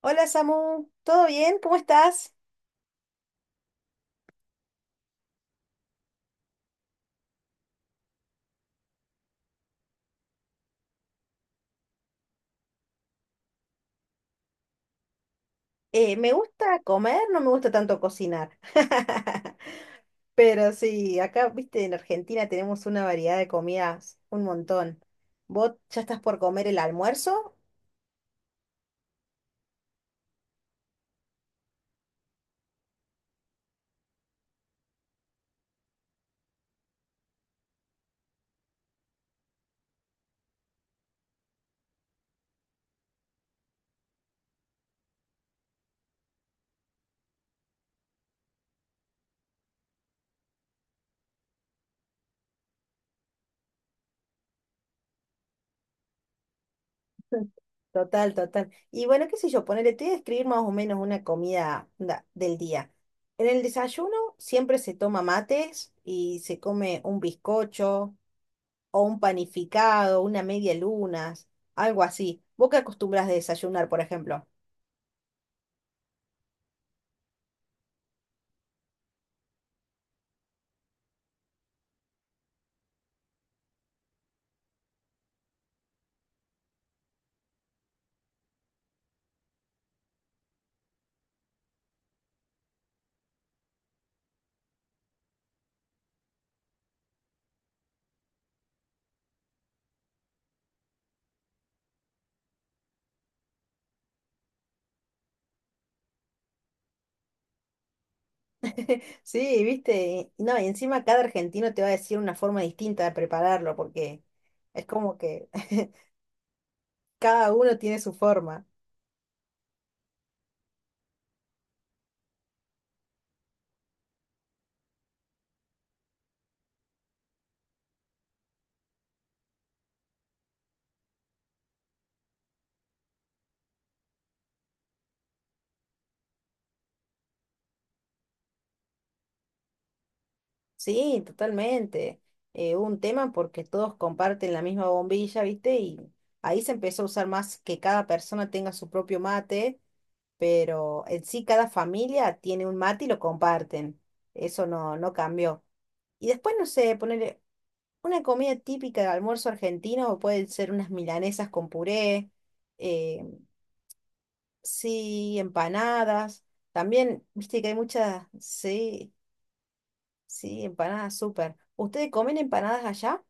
Hola Samu, ¿todo bien? ¿Cómo estás? Me gusta comer, no me gusta tanto cocinar. Pero sí, acá, viste, en Argentina tenemos una variedad de comidas, un montón. ¿Vos ya estás por comer el almuerzo? Total, total. Y bueno, qué sé yo, ponerle, te voy a describir más o menos una comida del día. En el desayuno siempre se toma mates y se come un bizcocho, o un panificado, una media luna, algo así. ¿Vos qué acostumbras de desayunar, por ejemplo? Sí, viste, y no, y encima cada argentino te va a decir una forma distinta de prepararlo, porque es como que cada uno tiene su forma. Sí, totalmente. Un tema porque todos comparten la misma bombilla, ¿viste? Y ahí se empezó a usar más que cada persona tenga su propio mate, pero en sí cada familia tiene un mate y lo comparten. Eso no, no cambió. Y después, no sé, poner una comida típica de almuerzo argentino, pueden ser unas milanesas con puré, eh, sí, empanadas. También, viste que hay muchas, sí. Sí, empanadas, súper. ¿Ustedes comen empanadas allá?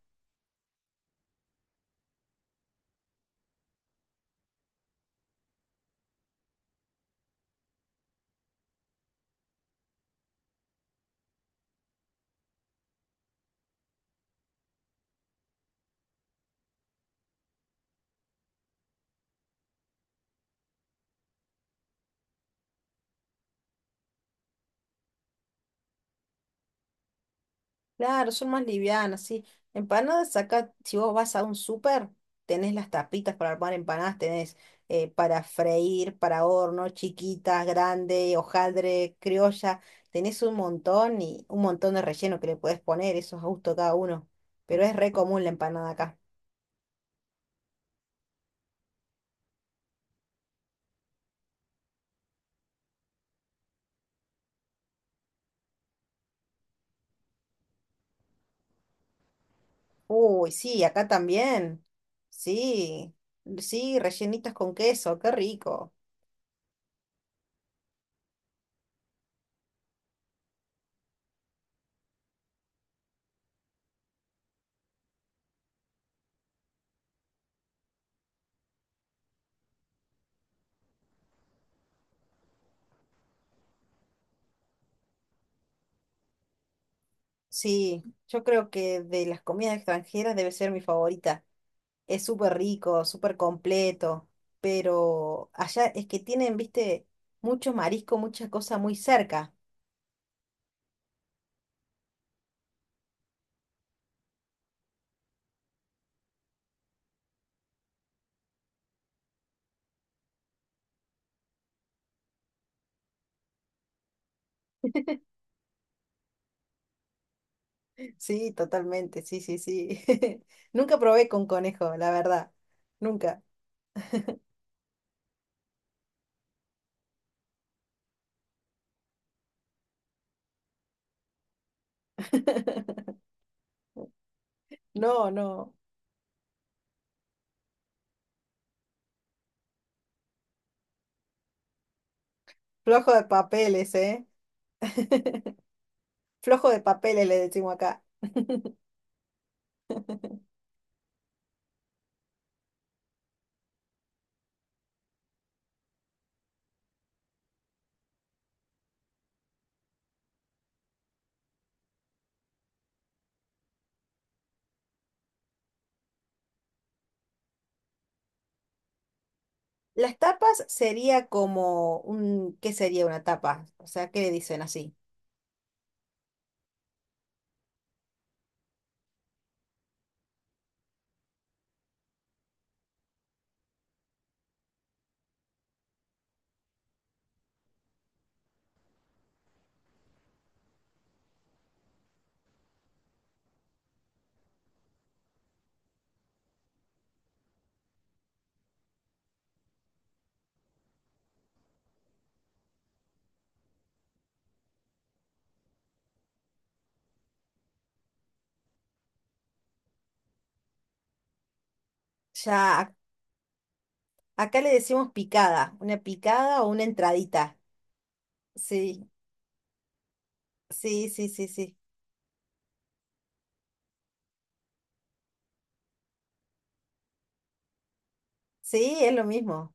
Claro, son más livianas, sí. Empanadas acá, si vos vas a un súper, tenés las tapitas para armar empanadas, tenés para freír, para horno, chiquitas, grande, hojaldre, criolla. Tenés un montón y un montón de relleno que le podés poner, eso es a gusto de cada uno. Pero es re común la empanada acá. Uy, sí, acá también. Sí, sí, rellenitas con queso, qué rico. Sí, yo creo que de las comidas extranjeras debe ser mi favorita. Es súper rico, súper completo, pero allá es que tienen, viste, mucho marisco, mucha cosa muy cerca. Sí, totalmente, sí, sí, sí. Nunca probé con conejo, la verdad. Nunca. No, no. Flojo de papeles, ¿eh? Flojo de papeles le decimos acá. Las tapas sería como un, ¿qué sería una tapa? O sea, ¿qué le dicen así? Ya. Acá le decimos picada, una picada o una entradita. Sí, sí, sí, sí, sí. Sí, es lo mismo.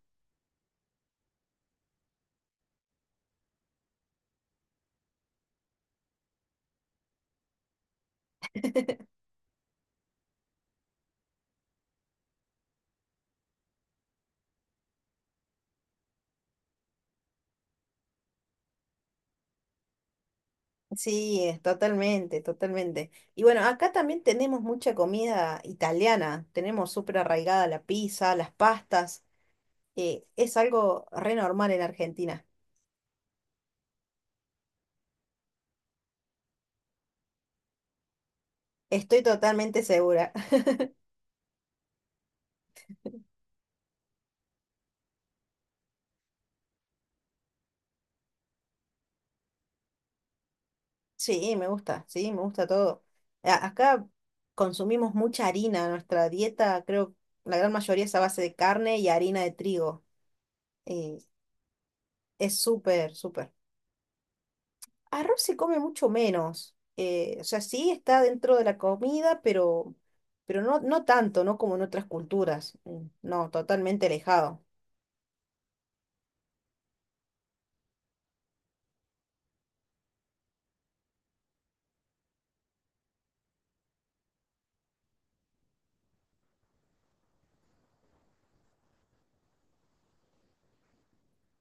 Sí, es totalmente, totalmente. Y bueno, acá también tenemos mucha comida italiana. Tenemos súper arraigada la pizza, las pastas. Es algo re normal en Argentina. Estoy totalmente segura. Sí, me gusta todo. Acá consumimos mucha harina. Nuestra dieta, creo, la gran mayoría es a base de carne y harina de trigo. Eh, Es súper, súper. Arroz se come mucho menos. O sea, sí está dentro de la comida, pero no, no tanto, ¿no? Como en otras culturas. No, totalmente alejado.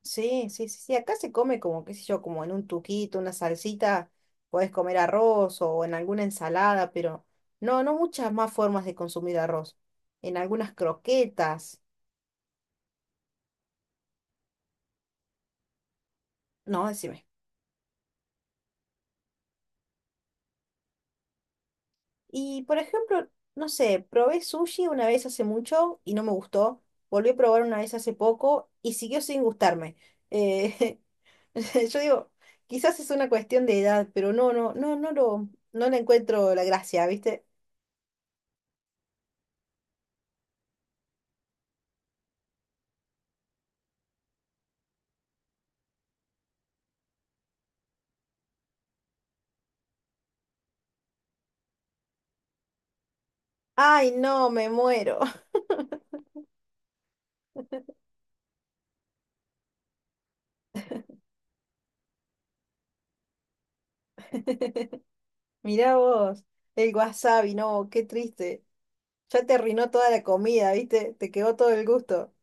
Sí, sí, sí, sí. Acá se come como, qué sé yo, como en un tuquito, una salsita, puedes comer arroz o en alguna ensalada, pero no, no muchas más formas de consumir arroz. En algunas croquetas. No, decime. Y por ejemplo, no sé, probé sushi una vez hace mucho y no me gustó. Volví a probar una vez hace poco y siguió sin gustarme. Eh, yo digo, quizás es una cuestión de edad, pero no, no, no, no le encuentro la gracia, ¿viste? Ay, no, me muero. Mirá vos, el wasabi, no, qué triste. Ya te arruinó toda la comida, ¿viste? Te quedó todo el gusto.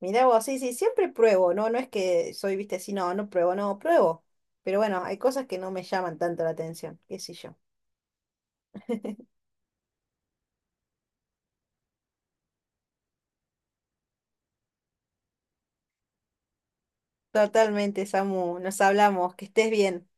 Mirá vos, sí, sí, siempre pruebo, ¿no? No es que soy, viste, así, no, no pruebo, no, pruebo. Pero bueno, hay cosas que no me llaman tanto la atención, qué sé yo. Totalmente, Samu, nos hablamos, que estés bien.